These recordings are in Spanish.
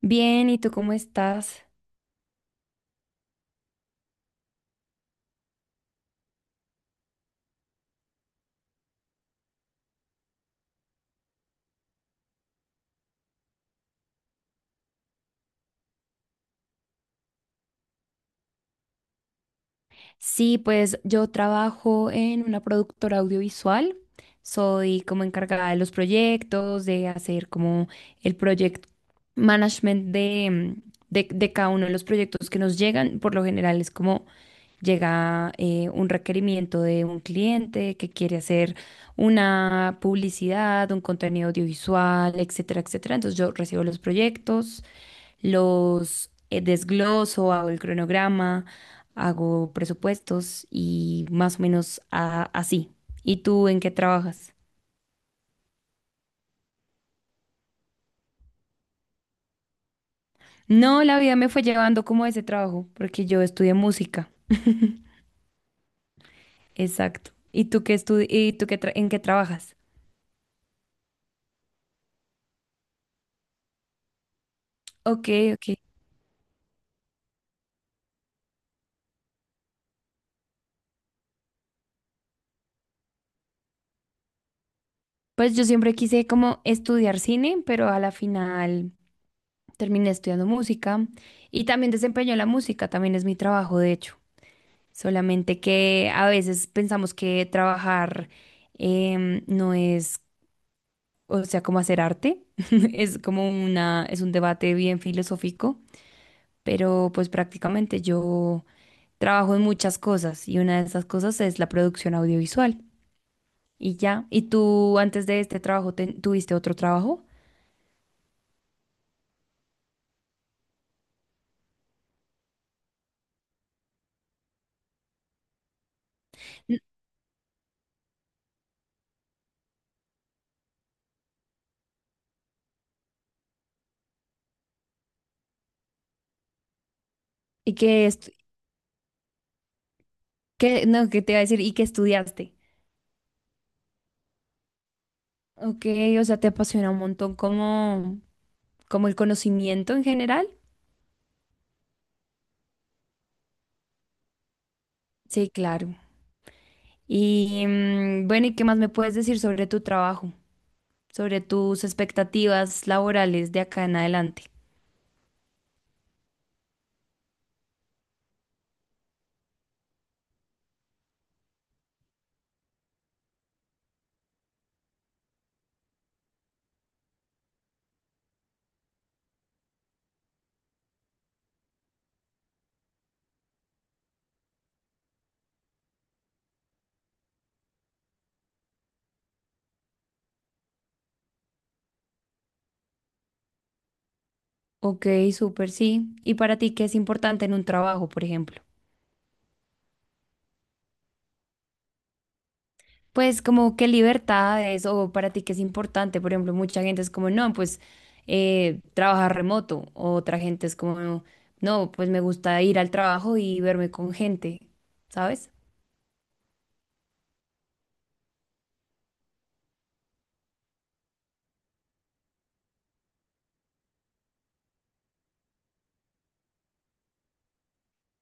Bien, ¿y tú cómo estás? Sí, pues yo trabajo en una productora audiovisual. Soy como encargada de los proyectos, de hacer como el project management de cada uno de los proyectos que nos llegan. Por lo general es como llega un requerimiento de un cliente que quiere hacer una publicidad, un contenido audiovisual, etcétera, etcétera. Entonces yo recibo los proyectos. Los desgloso, hago el cronograma, hago presupuestos y más o menos así. ¿Y tú en qué trabajas? No, la vida me fue llevando como a ese trabajo, porque yo estudié música. Exacto. ¿Y tú qué y tú qué en qué trabajas? Ok, ok. Pues yo siempre quise como estudiar cine, pero a la final terminé estudiando música y también desempeño la música, también es mi trabajo, de hecho. Solamente que a veces pensamos que trabajar no es, o sea, como hacer arte, es como una, es un debate bien filosófico, pero pues prácticamente yo trabajo en muchas cosas y una de esas cosas es la producción audiovisual y ya. ¿Y tú antes de este trabajo tuviste otro trabajo? N- ¿Y qué, estu- qué, no, qué te iba a decir? ¿Y qué estudiaste? Ok, o sea, te apasiona un montón como, como el conocimiento en general. Sí, claro. Y, mm, bueno, ¿y qué más me puedes decir sobre tu trabajo, sobre tus expectativas laborales de acá en adelante? Ok, súper, sí. ¿Y para ti qué es importante en un trabajo, por ejemplo? Pues como qué libertades o para ti qué es importante, por ejemplo, mucha gente es como, no, pues trabajar remoto, o otra gente es como, no, pues me gusta ir al trabajo y verme con gente, ¿sabes?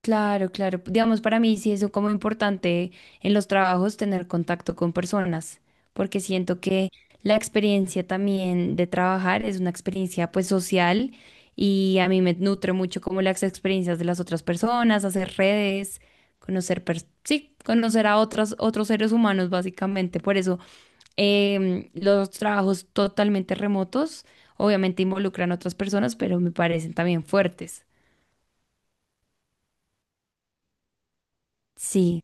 Claro, claro. Digamos, para mí sí es como importante en los trabajos tener contacto con personas, porque siento que la experiencia también de trabajar es una experiencia pues social y a mí me nutre mucho como las experiencias de las otras personas, hacer redes, conocer, sí, conocer a otras, otros seres humanos básicamente. Por eso los trabajos totalmente remotos obviamente involucran a otras personas, pero me parecen también fuertes. Sí.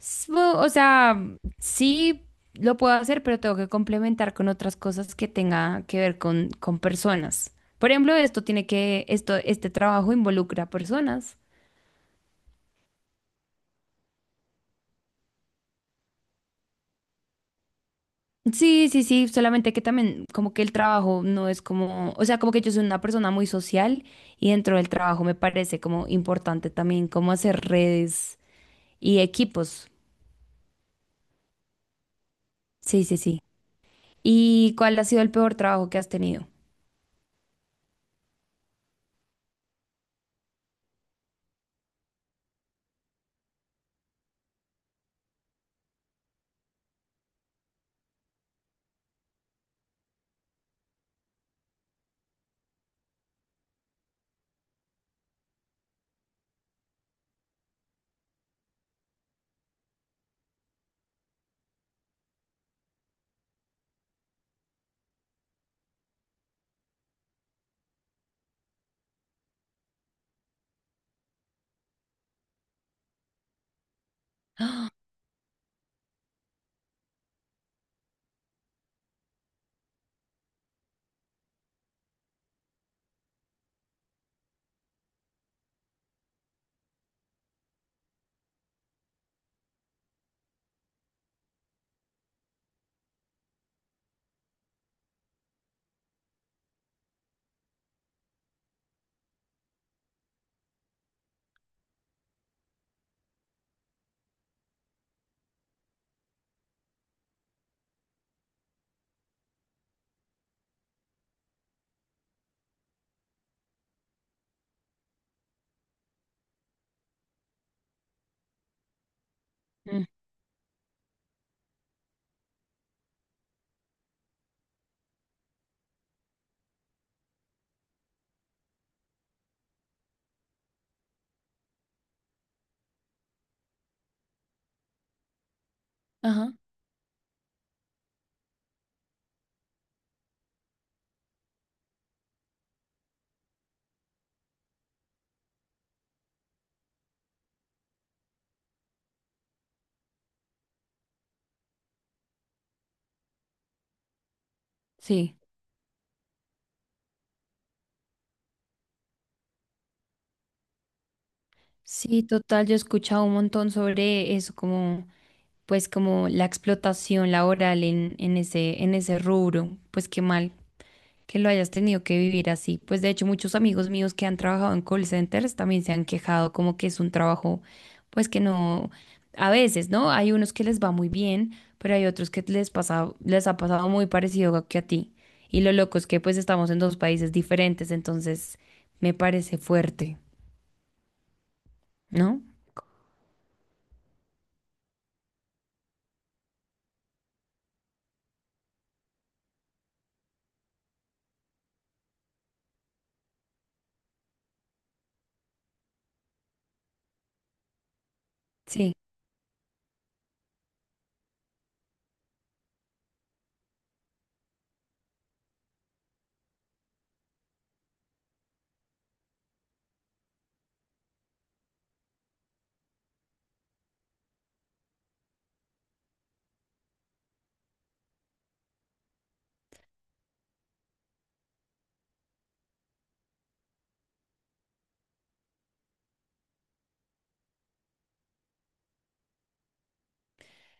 O sea, sí lo puedo hacer, pero tengo que complementar con otras cosas que tenga que ver con personas. Por ejemplo, esto tiene que, esto, este trabajo involucra a personas. Sí, sí, sí, solamente que también como que el trabajo no es como, o sea, como que yo soy una persona muy social y dentro del trabajo me parece como importante también como hacer redes y equipos. Sí, sí, sí. ¿Y cuál ha sido el peor trabajo que has tenido? Mm. Ajá, sí. Sí, total, yo he escuchado un montón sobre eso, como, pues, como la explotación laboral en ese rubro. Pues qué mal que lo hayas tenido que vivir así. Pues de hecho, muchos amigos míos que han trabajado en call centers también se han quejado como que es un trabajo, pues que no, a veces, ¿no? Hay unos que les va muy bien, pero hay otros que les pasa, les ha pasado muy parecido que a ti. Y lo loco es que pues estamos en dos países diferentes, entonces me parece fuerte, ¿no? Sí.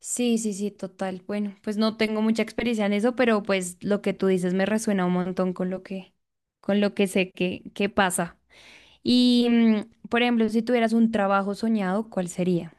Sí, sí, sí, total. Bueno, pues no tengo mucha experiencia en eso, pero pues lo que tú dices me resuena un montón con lo que sé que pasa. Y, por ejemplo, si tuvieras un trabajo soñado, ¿cuál sería?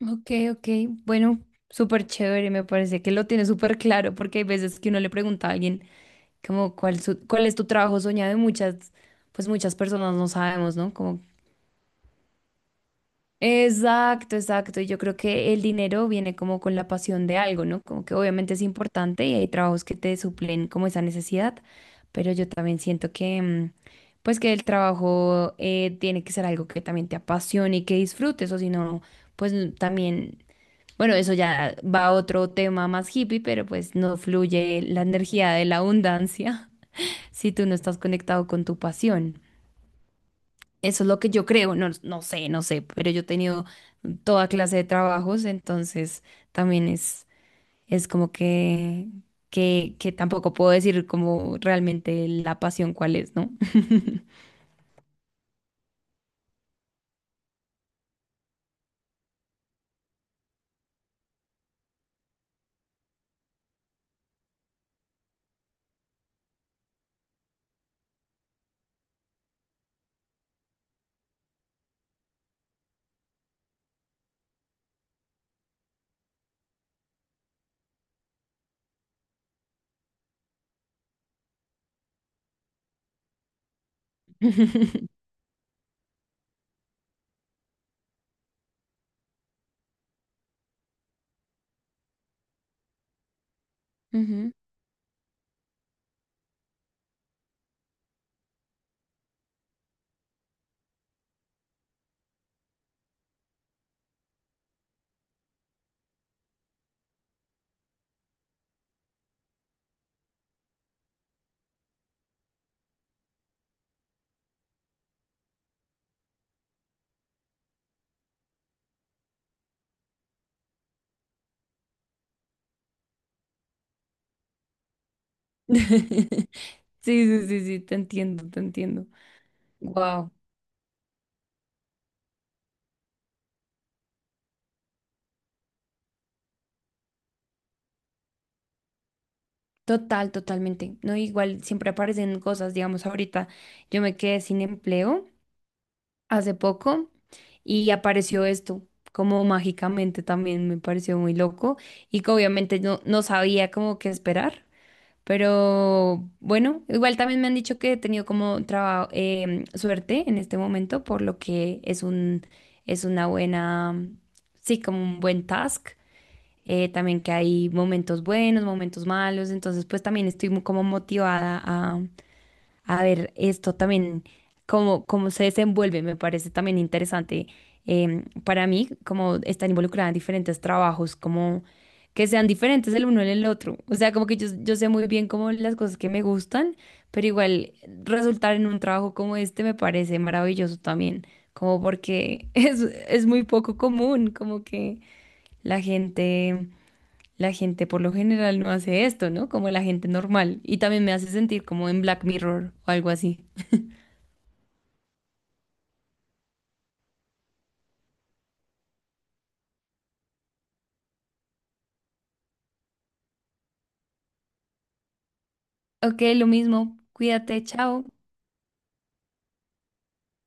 Ok, ok, bueno, súper chévere, me parece que lo tiene súper claro, porque hay veces que uno le pregunta a alguien como cuál, cuál es tu trabajo soñado y muchas, pues muchas personas no sabemos, ¿no? Como exacto, exacto. Y yo creo que el dinero viene como con la pasión de algo, ¿no? Como que obviamente es importante y hay trabajos que te suplen como esa necesidad, pero yo también siento que, pues que el trabajo tiene que ser algo que también te apasione y que disfrutes, o si no, pues también, bueno, eso ya va a otro tema más hippie, pero pues no fluye la energía de la abundancia. Si tú no estás conectado con tu pasión. Eso es lo que yo creo, no, no sé, no sé, pero yo he tenido toda clase de trabajos, entonces también es como que tampoco puedo decir como realmente la pasión cuál es, ¿no? Ujú. Sí, sí, sí, sí, te entiendo, te entiendo. Wow. Total, totalmente. No, igual siempre aparecen cosas, digamos, ahorita yo me quedé sin empleo hace poco y apareció esto, como mágicamente también me pareció muy loco y que obviamente no, no sabía como qué esperar, pero bueno, igual también me han dicho que he tenido como trabajo suerte en este momento, por lo que es un, es una buena, sí, como un buen task. También que hay momentos buenos, momentos malos, entonces pues también estoy muy como motivada a ver esto también, cómo, cómo se desenvuelve, me parece también interesante para mí, como estar involucrada en diferentes trabajos, como que sean diferentes el uno del otro. O sea, como que yo sé muy bien como las cosas que me gustan, pero igual resultar en un trabajo como este me parece maravilloso también, como porque es muy poco común, como que la gente... La gente por lo general no hace esto, ¿no? Como la gente normal. Y también me hace sentir como en Black Mirror o algo así. Ok, lo mismo. Cuídate, chao.